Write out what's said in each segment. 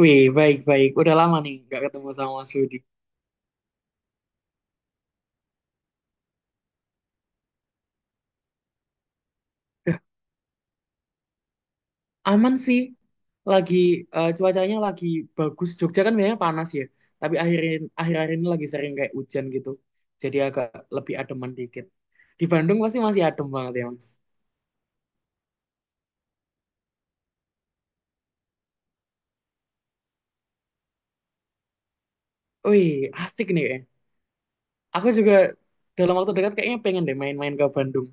Wih, baik-baik. Udah lama nih nggak ketemu sama Mas Yudi. Aman sih. Lagi cuacanya lagi bagus. Jogja kan biasanya panas ya. Tapi akhir-akhir ini lagi sering kayak hujan gitu. Jadi agak lebih ademan dikit. Di Bandung pasti masih adem banget ya, Mas. Wih, asik nih kayaknya. Aku juga dalam waktu dekat kayaknya pengen deh main-main ke Bandung.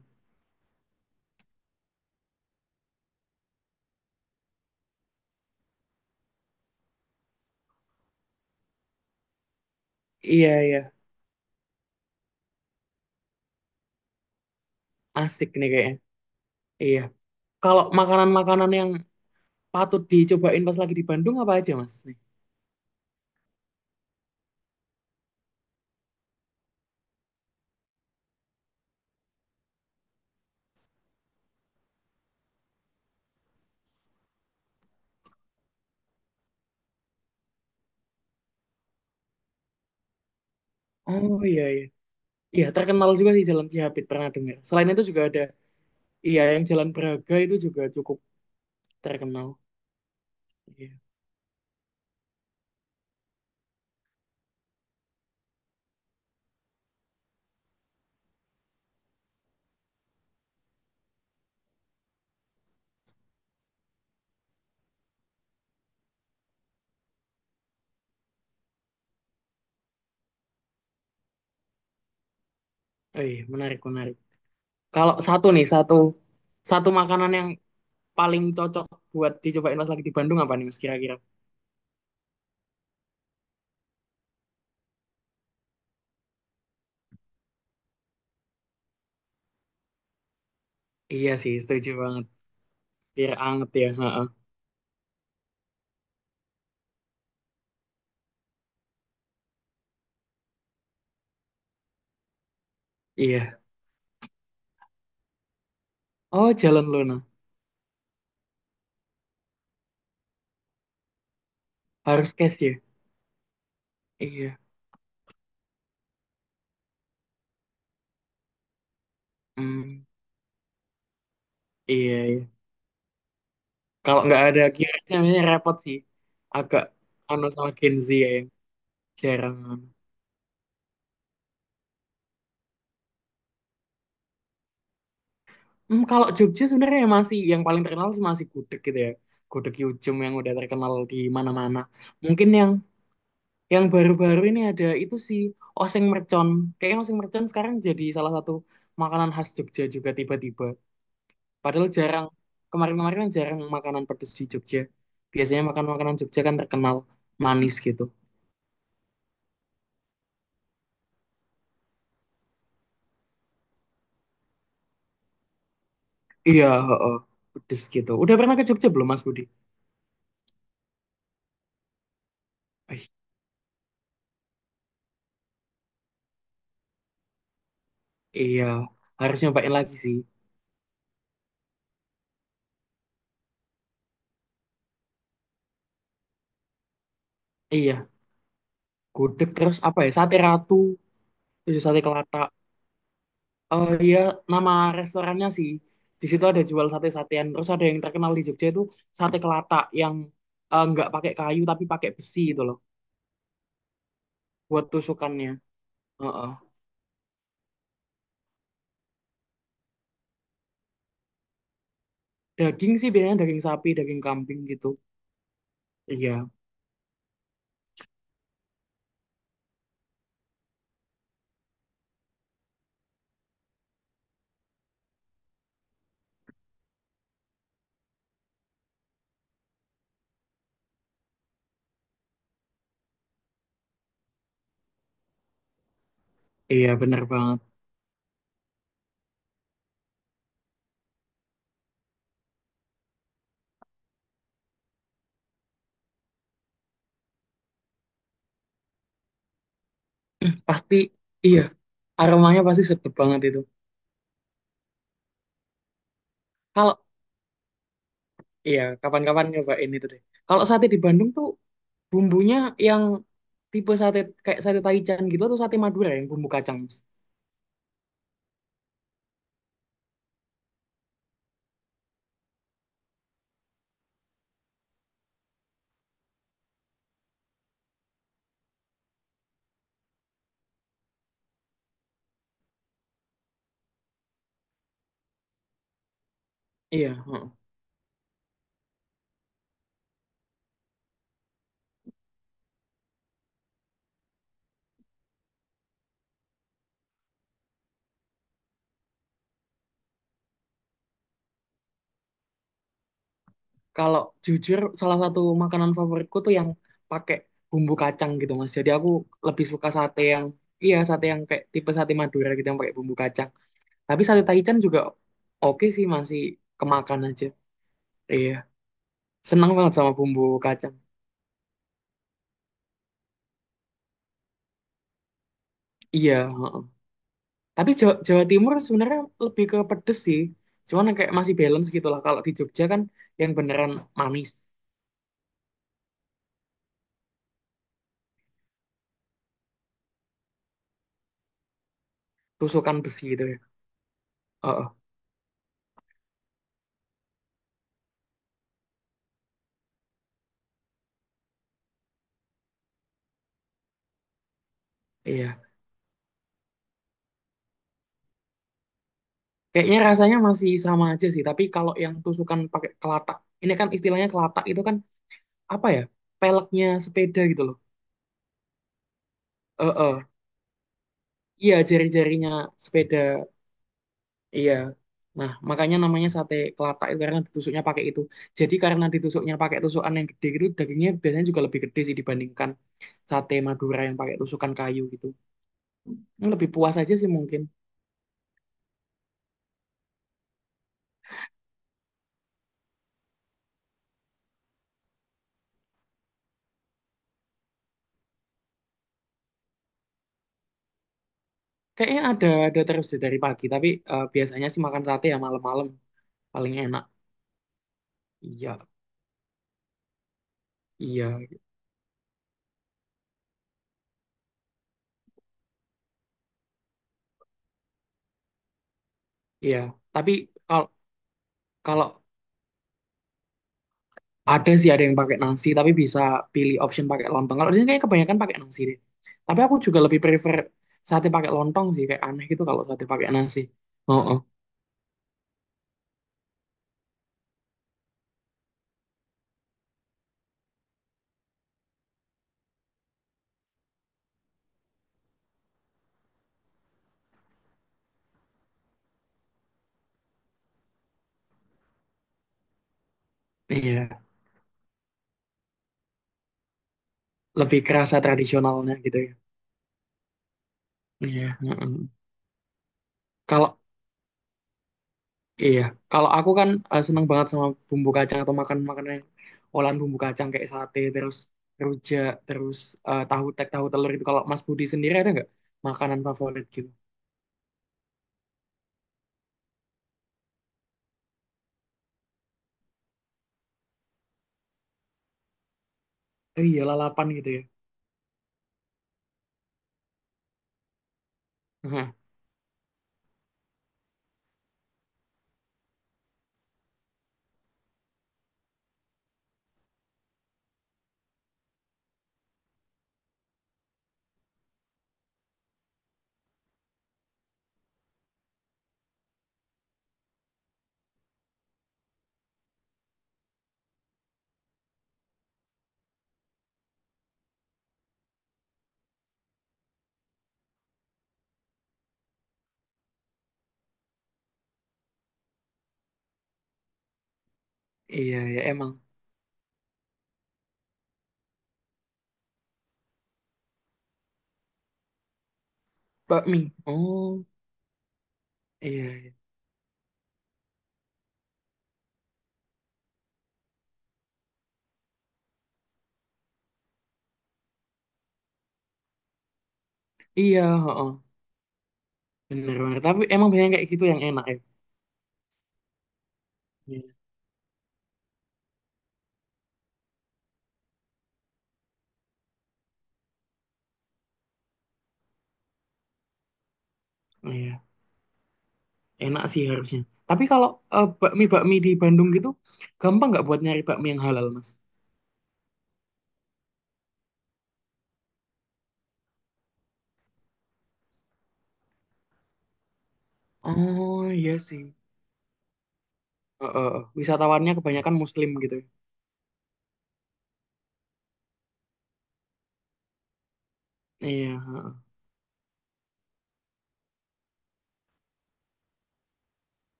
Iya, iya. Asik nih kayaknya. Iya. Kalau makanan-makanan yang patut dicobain pas lagi di Bandung apa aja, Mas? Oh, iya, iya. Iya, terkenal juga sih Jalan Cihapit pernah dengar. Selain itu juga ada, iya yang Jalan Braga itu juga cukup terkenal. Iya, oh, iya menarik menarik. Kalau satu satu makanan yang paling cocok buat dicobain pas lagi di Bandung apa nih Mas kira-kira? Iya sih, setuju banget. Biar anget ya, heeh. Iya. Oh, Jalan Luna, harus cash ya. Iya. Hmm, iya iya. Kalau nggak ada kiosnya, namanya repot sih. Agak anu sama Gen Z ya yang jarang. Hmm, kalau Jogja sebenarnya masih yang paling terkenal sih masih gudeg gitu ya. Gudeg Yujem yang udah terkenal di mana-mana. Mungkin yang baru-baru ini ada itu sih oseng mercon. Kayaknya oseng mercon sekarang jadi salah satu makanan khas Jogja juga tiba-tiba. Padahal jarang kemarin-kemarin kan jarang makanan pedes di Jogja. Biasanya makan makanan Jogja kan terkenal manis gitu. Iya, heeh, pedes gitu. Udah pernah ke Jogja belum Mas Budi? Eh, iya, harus nyobain lagi sih. Iya, gudeg terus apa ya? Sate ratu. Tujuh sate kelata. Oh iya, nama restorannya sih. Di situ ada jual sate-satean. Terus ada yang terkenal di Jogja itu sate kelata yang nggak pakai kayu tapi pakai besi itu loh buat tusukannya. Heeh. Daging sih biasanya daging sapi, daging kambing gitu. Iya, iya bener banget. Pasti iya, aromanya pasti sedap banget itu. Kalau iya, kapan-kapan nyobain itu deh. Kalau sate di Bandung tuh bumbunya yang tipe sate kayak sate Taichan gitu atau sate Madura yang bumbu kacang. Mas? Iya, heeh. Kalau jujur, salah satu makanan favoritku tuh yang pakai bumbu kacang gitu, Mas. Jadi aku lebih suka sate yang, iya sate yang kayak tipe sate Madura gitu yang pakai bumbu kacang. Tapi sate Taichan juga oke sih, masih kemakan aja. Iya, senang banget sama bumbu kacang. Iya, heeh. Tapi Jawa, Jawa Timur sebenarnya lebih ke pedes sih. Cuman kayak masih balance gitu lah. Kalau di Jogja kan yang beneran manis, tusukan besi gitu ya. Heeh, iya. Kayaknya rasanya masih sama aja sih, tapi kalau yang tusukan pakai kelatak, ini kan istilahnya kelatak itu kan apa ya? Peleknya sepeda gitu loh. Eh, eh. Iya, jari-jarinya sepeda. Iya. Nah, makanya namanya sate kelatak itu karena ditusuknya pakai itu. Jadi karena ditusuknya pakai tusukan yang gede gitu, dagingnya biasanya juga lebih gede sih dibandingkan sate Madura yang pakai tusukan kayu gitu. Ini lebih puas aja sih mungkin. Kayaknya ada terus deh dari pagi, tapi biasanya sih makan sate ya malam-malam paling enak. Iya, iya. Iya, tapi kalau kalau ada sih ada yang pakai nasi, tapi bisa pilih option pakai lontong. Kalau di sini kayak kebanyakan pakai nasi deh. Tapi aku juga lebih prefer sate pakai lontong sih, kayak aneh gitu kalau sate pakai nasi. Oh, oh, iya, lebih kerasa tradisionalnya gitu ya. Iya, heeh. Kalau iya, kalau aku kan seneng banget sama bumbu kacang atau makan makanan yang olahan bumbu kacang kayak sate, terus rujak, terus tahu tek, tahu telur itu. Kalau Mas Budi sendiri ada nggak makanan favorit gitu? Oh iya, lalapan gitu ya. Iya ya emang bakmi. Oh iya iya iya heeh. Bener bener. Tapi emang banyak kayak gitu yang enak ya. Iya iya, iya, enak sih harusnya. Tapi kalau bakmi bakmi di Bandung gitu, gampang nggak buat nyari bakmi yang halal mas? Oh iya sih. Heeh. Wisatawannya kebanyakan Muslim gitu, ya. Iya, heeh.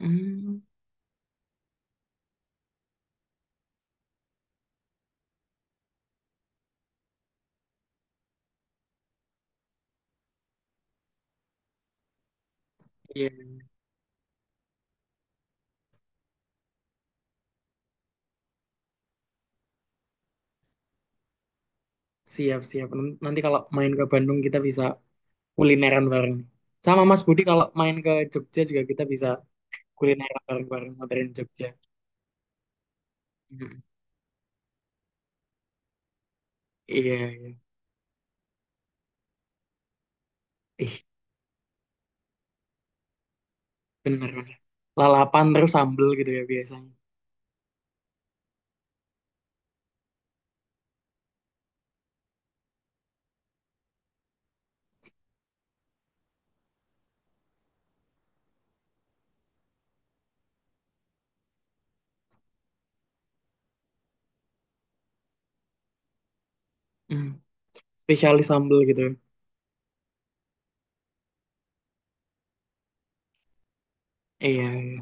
Hmm, iya. Siap siap. Nanti kalau main ke Bandung kita bisa kulineran bareng. Sama Mas Budi kalau main ke Jogja juga kita bisa kulineran bareng-bareng modern Jogja. Iya, iya. Ih, bener, bener. Lalapan terus sambel gitu ya biasanya. Hmm, spesialis sambel gitu. Iya, iya.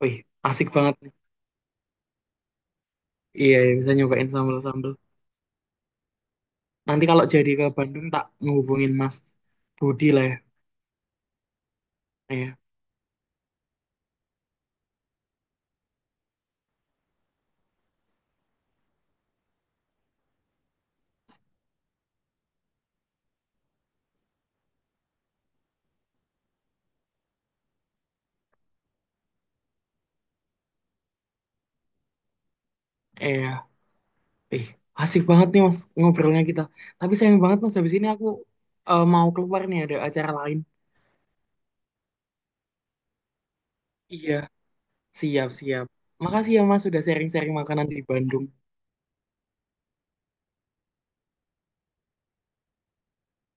Wih, asik banget nih. Iya, iya, bisa nyobain sambel-sambel. Nanti kalau jadi ke Bandung tak ngehubungin Mas Budi lah ya. Iya, iya. Ih, asik banget nih Mas ngobrolnya kita. Tapi sayang banget Mas, habis ini aku mau keluar nih ada acara lain. Iya, siap-siap. Makasih ya Mas sudah sharing-sharing makanan di Bandung.